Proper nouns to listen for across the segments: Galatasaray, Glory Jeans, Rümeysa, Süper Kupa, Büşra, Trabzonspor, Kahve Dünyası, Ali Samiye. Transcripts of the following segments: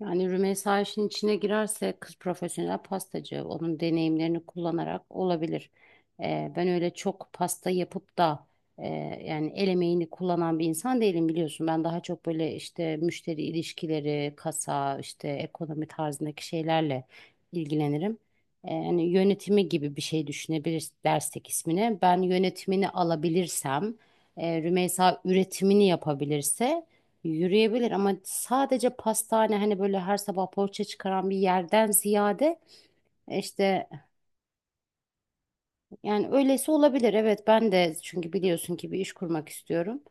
Yani Rümeysa işin içine girerse kız profesyonel pastacı. Onun deneyimlerini kullanarak olabilir. Ben öyle çok pasta yapıp da e, yani el emeğini kullanan bir insan değilim biliyorsun. Ben daha çok böyle işte müşteri ilişkileri, kasa, işte ekonomi tarzındaki şeylerle ilgilenirim. Yani yönetimi gibi bir şey düşünebiliriz dersek ismini. Ben yönetimini alabilirsem, Rümeysa üretimini yapabilirse yürüyebilir ama sadece pastane hani böyle her sabah poğaça çıkaran bir yerden ziyade işte yani öylesi olabilir. Evet ben de çünkü biliyorsun ki bir iş kurmak istiyorum.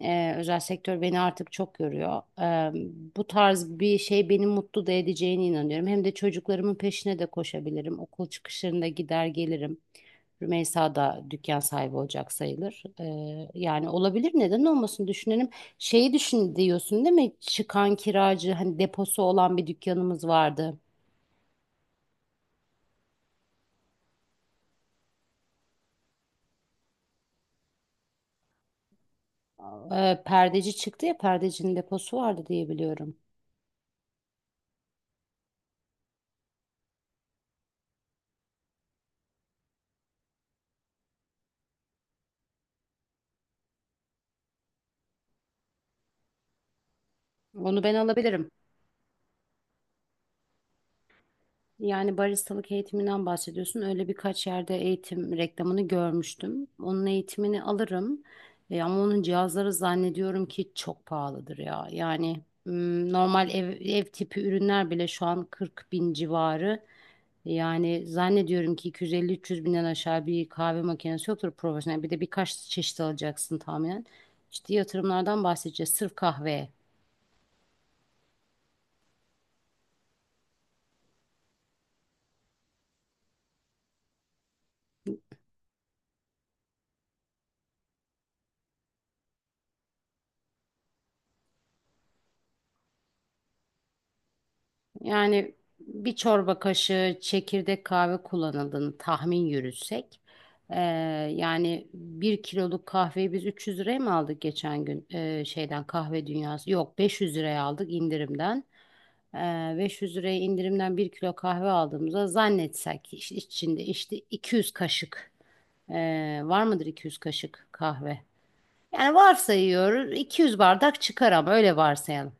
Özel sektör beni artık çok yoruyor. Bu tarz bir şey beni mutlu da edeceğine inanıyorum. Hem de çocuklarımın peşine de koşabilirim. Okul çıkışlarında gider gelirim. Rümeysa da dükkan sahibi olacak sayılır. Yani olabilir, neden olmasın, düşünelim. Şeyi düşün diyorsun değil mi? Çıkan kiracı hani deposu olan bir dükkanımız vardı. Perdeci çıktı ya, perdecinin deposu vardı diye biliyorum. Onu ben alabilirim. Yani baristalık eğitiminden bahsediyorsun. Öyle birkaç yerde eğitim reklamını görmüştüm. Onun eğitimini alırım. Ama onun cihazları zannediyorum ki çok pahalıdır ya. Yani normal ev tipi ürünler bile şu an 40 bin civarı. Yani zannediyorum ki 250-300 binden aşağı bir kahve makinesi yoktur profesyonel. Bir de birkaç çeşit alacaksın tahminen. İşte yatırımlardan bahsedeceğiz. Sırf kahveye. Yani bir çorba kaşığı çekirdek kahve kullanıldığını tahmin yürütsek, eee, yani bir kiloluk kahveyi biz 300 liraya mı aldık geçen gün, şeyden, kahve dünyası? Yok, 500 liraya aldık indirimden. 500 liraya indirimden bir kilo kahve aldığımızda zannetsek ki içinde işte 200 kaşık, var mıdır 200 kaşık kahve? Yani varsayıyoruz, 200 bardak çıkar ama öyle varsayalım.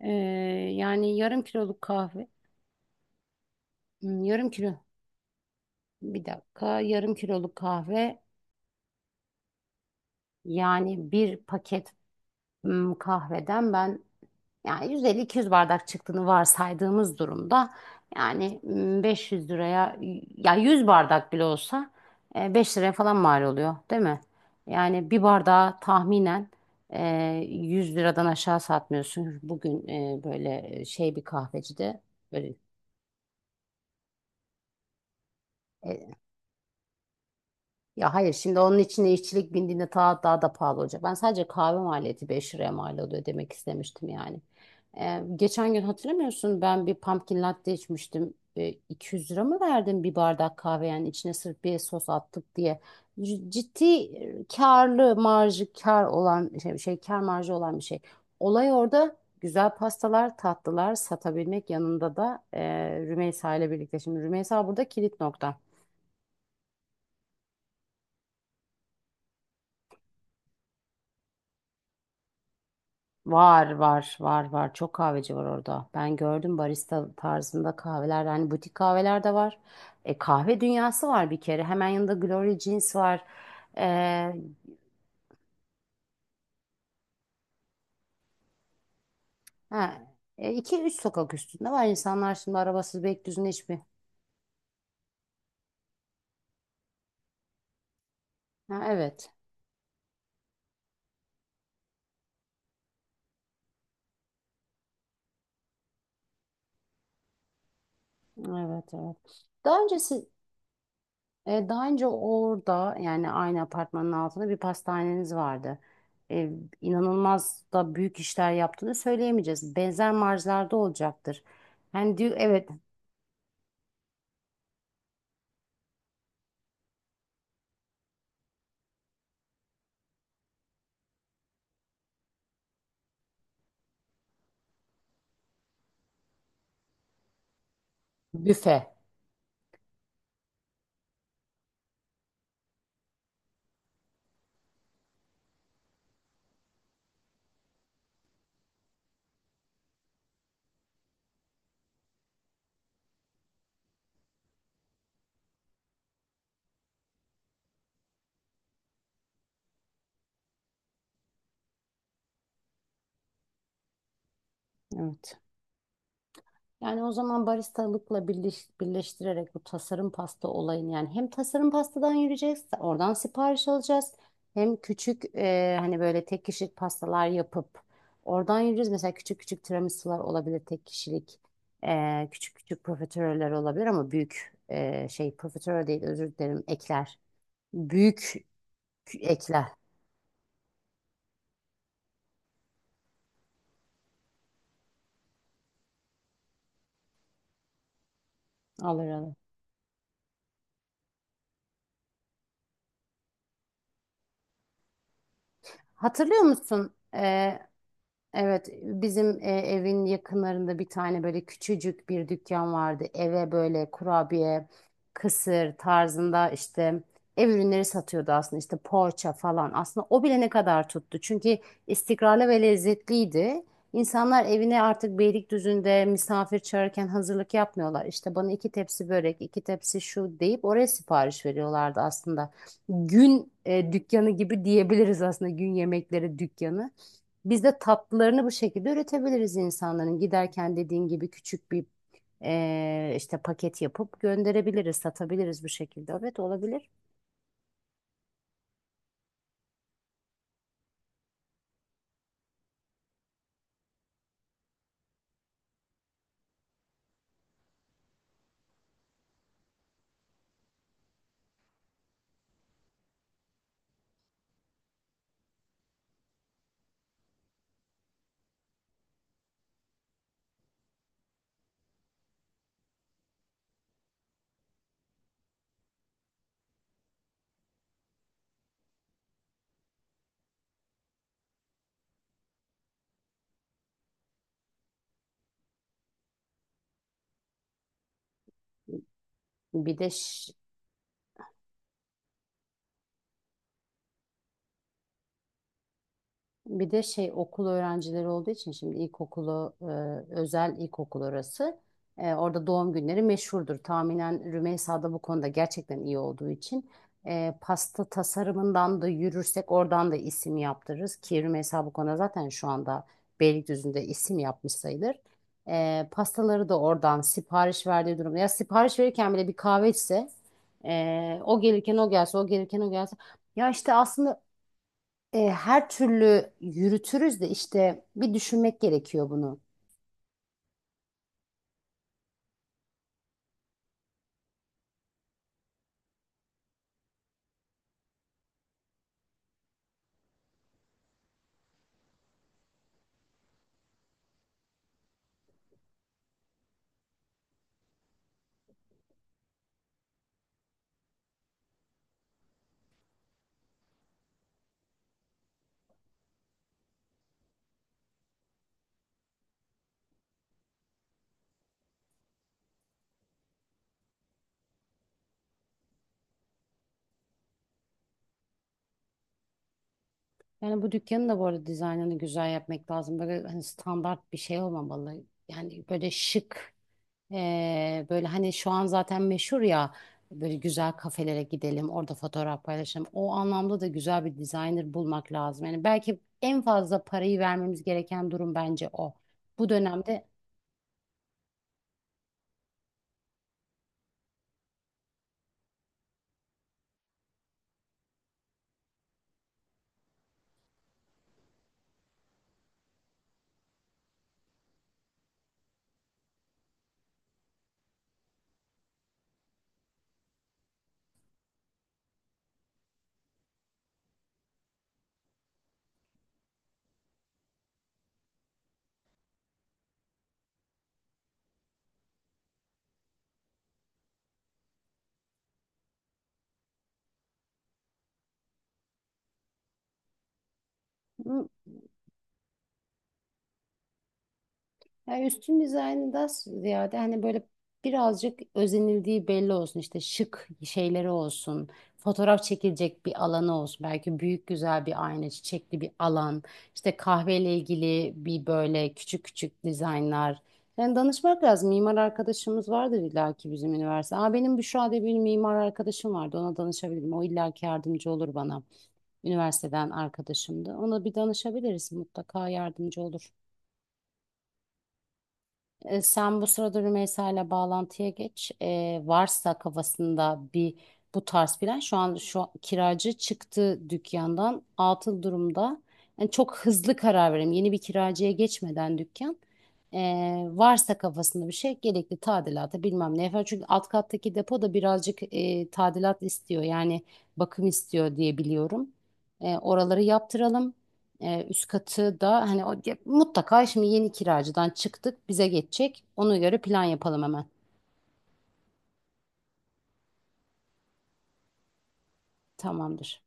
Eee, Yani yarım kiloluk kahve. Yarım kilo. Bir dakika, yarım kiloluk kahve yani bir paket kahveden ben yani 150-200 bardak çıktığını varsaydığımız durumda, yani 500 liraya, ya 100 bardak bile olsa 5 liraya falan mal oluyor değil mi? Yani bir bardağı tahminen e, 100 liradan aşağı satmıyorsun. Bugün böyle şey, bir kahvecide böyle e, ya hayır, şimdi onun içine işçilik bindiğinde daha da pahalı olacak. Ben sadece kahve maliyeti 5 liraya mal oluyor demek istemiştim yani. Geçen gün hatırlamıyorsun, ben bir pumpkin latte içmiştim. 200 lira mı verdim bir bardak kahve yani içine sırf bir sos attık diye. Ciddi karlı marjı, kar olan şey, şey kar marjı olan bir şey. Olay orada, güzel pastalar, tatlılar satabilmek, yanında da Rümeysa ile birlikte. Şimdi Rümeysa burada kilit nokta. Var var var var. Çok kahveci var orada. Ben gördüm, barista tarzında kahveler. Hani butik kahveler de var. Kahve dünyası var bir kere. Hemen yanında Glory Jeans var. E, ha, e, iki üç sokak üstünde var. İnsanlar şimdi arabasız Beylikdüzü'nde hiçbir. Ha, evet. Evet evet. Daha önce si- Daha önce orada, yani aynı apartmanın altında bir pastaneniz vardı. E, inanılmaz da büyük işler yaptığını söyleyemeyeceğiz. Benzer marjlarda olacaktır. Yani diyor, evet, büfe. Evet. Yani o zaman birleştirerek bu tasarım pasta olayını, yani hem tasarım pastadan yürüyeceğiz, oradan sipariş alacağız. Hem küçük hani böyle tek kişilik pastalar yapıp oradan yürüyeceğiz. Mesela küçük küçük tiramisular olabilir tek kişilik. Küçük küçük profiteroller olabilir ama büyük şey, profiterol değil, özür dilerim, ekler. Büyük ekler. Alır alır. Hatırlıyor musun? Evet, bizim evin yakınlarında bir tane böyle küçücük bir dükkan vardı. Eve böyle kurabiye, kısır tarzında, işte ev ürünleri satıyordu aslında, işte poğaça falan. Aslında o bile ne kadar tuttu. Çünkü istikrarlı ve lezzetliydi. İnsanlar evine artık Beylikdüzü'nde misafir çağırırken hazırlık yapmıyorlar. İşte bana iki tepsi börek, iki tepsi şu deyip oraya sipariş veriyorlardı aslında. Gün dükkanı gibi diyebiliriz aslında, gün yemekleri dükkanı. Biz de tatlılarını bu şekilde üretebiliriz insanların. Giderken dediğin gibi küçük bir işte paket yapıp gönderebiliriz, satabiliriz bu şekilde. Evet, olabilir. Bir de ş- Bir de şey, okul öğrencileri olduğu için, şimdi ilkokulu özel ilkokul orası. Orada doğum günleri meşhurdur. Tahminen Rümeysa da bu konuda gerçekten iyi olduğu için pasta tasarımından da yürürsek, oradan da isim yaptırırız ki Rümeysa bu konuda zaten şu anda Beylikdüzü'nde isim yapmış sayılır. Pastaları da oradan sipariş verdiği durumda. Ya sipariş verirken bile bir kahve içse, o gelirken o gelse, o gelirken o gelse. Ya işte aslında her türlü yürütürüz de, işte bir düşünmek gerekiyor bunu. Yani bu dükkanın da bu arada dizaynını güzel yapmak lazım. Böyle hani standart bir şey olmamalı. Yani böyle şık, böyle hani şu an zaten meşhur ya, böyle güzel kafelere gidelim, orada fotoğraf paylaşalım. O anlamda da güzel bir designer bulmak lazım. Yani belki en fazla parayı vermemiz gereken durum bence o. Bu dönemde yani üstün dizaynı da ziyade hani böyle birazcık özenildiği belli olsun. İşte şık şeyleri olsun. Fotoğraf çekilecek bir alanı olsun. Belki büyük güzel bir ayna, çiçekli bir alan. İşte kahveyle ilgili bir, böyle küçük küçük dizaynlar. Yani danışmak lazım. Mimar arkadaşımız vardır illaki, bizim üniversite. Aa, benim Büşra diye bir mimar arkadaşım vardı. Ona danışabilirim. O illaki yardımcı olur bana. Üniversiteden arkadaşımdı. Ona bir danışabiliriz. Mutlaka yardımcı olur. Sen bu sırada Rümeysa ile bağlantıya geç. Varsa kafasında bir bu tarz plan, şu an kiracı çıktı dükkandan, atıl durumda. Yani çok hızlı karar verelim, yeni bir kiracıya geçmeden dükkan. E, Varsa kafasında bir şey, gerekli tadilata bilmem ne yapar. Çünkü alt kattaki depo da birazcık tadilat istiyor. Yani bakım istiyor diye biliyorum. Oraları yaptıralım. Üst katı da hani o, ya mutlaka, şimdi yeni kiracıdan çıktık, bize geçecek. Ona göre plan yapalım hemen. Tamamdır.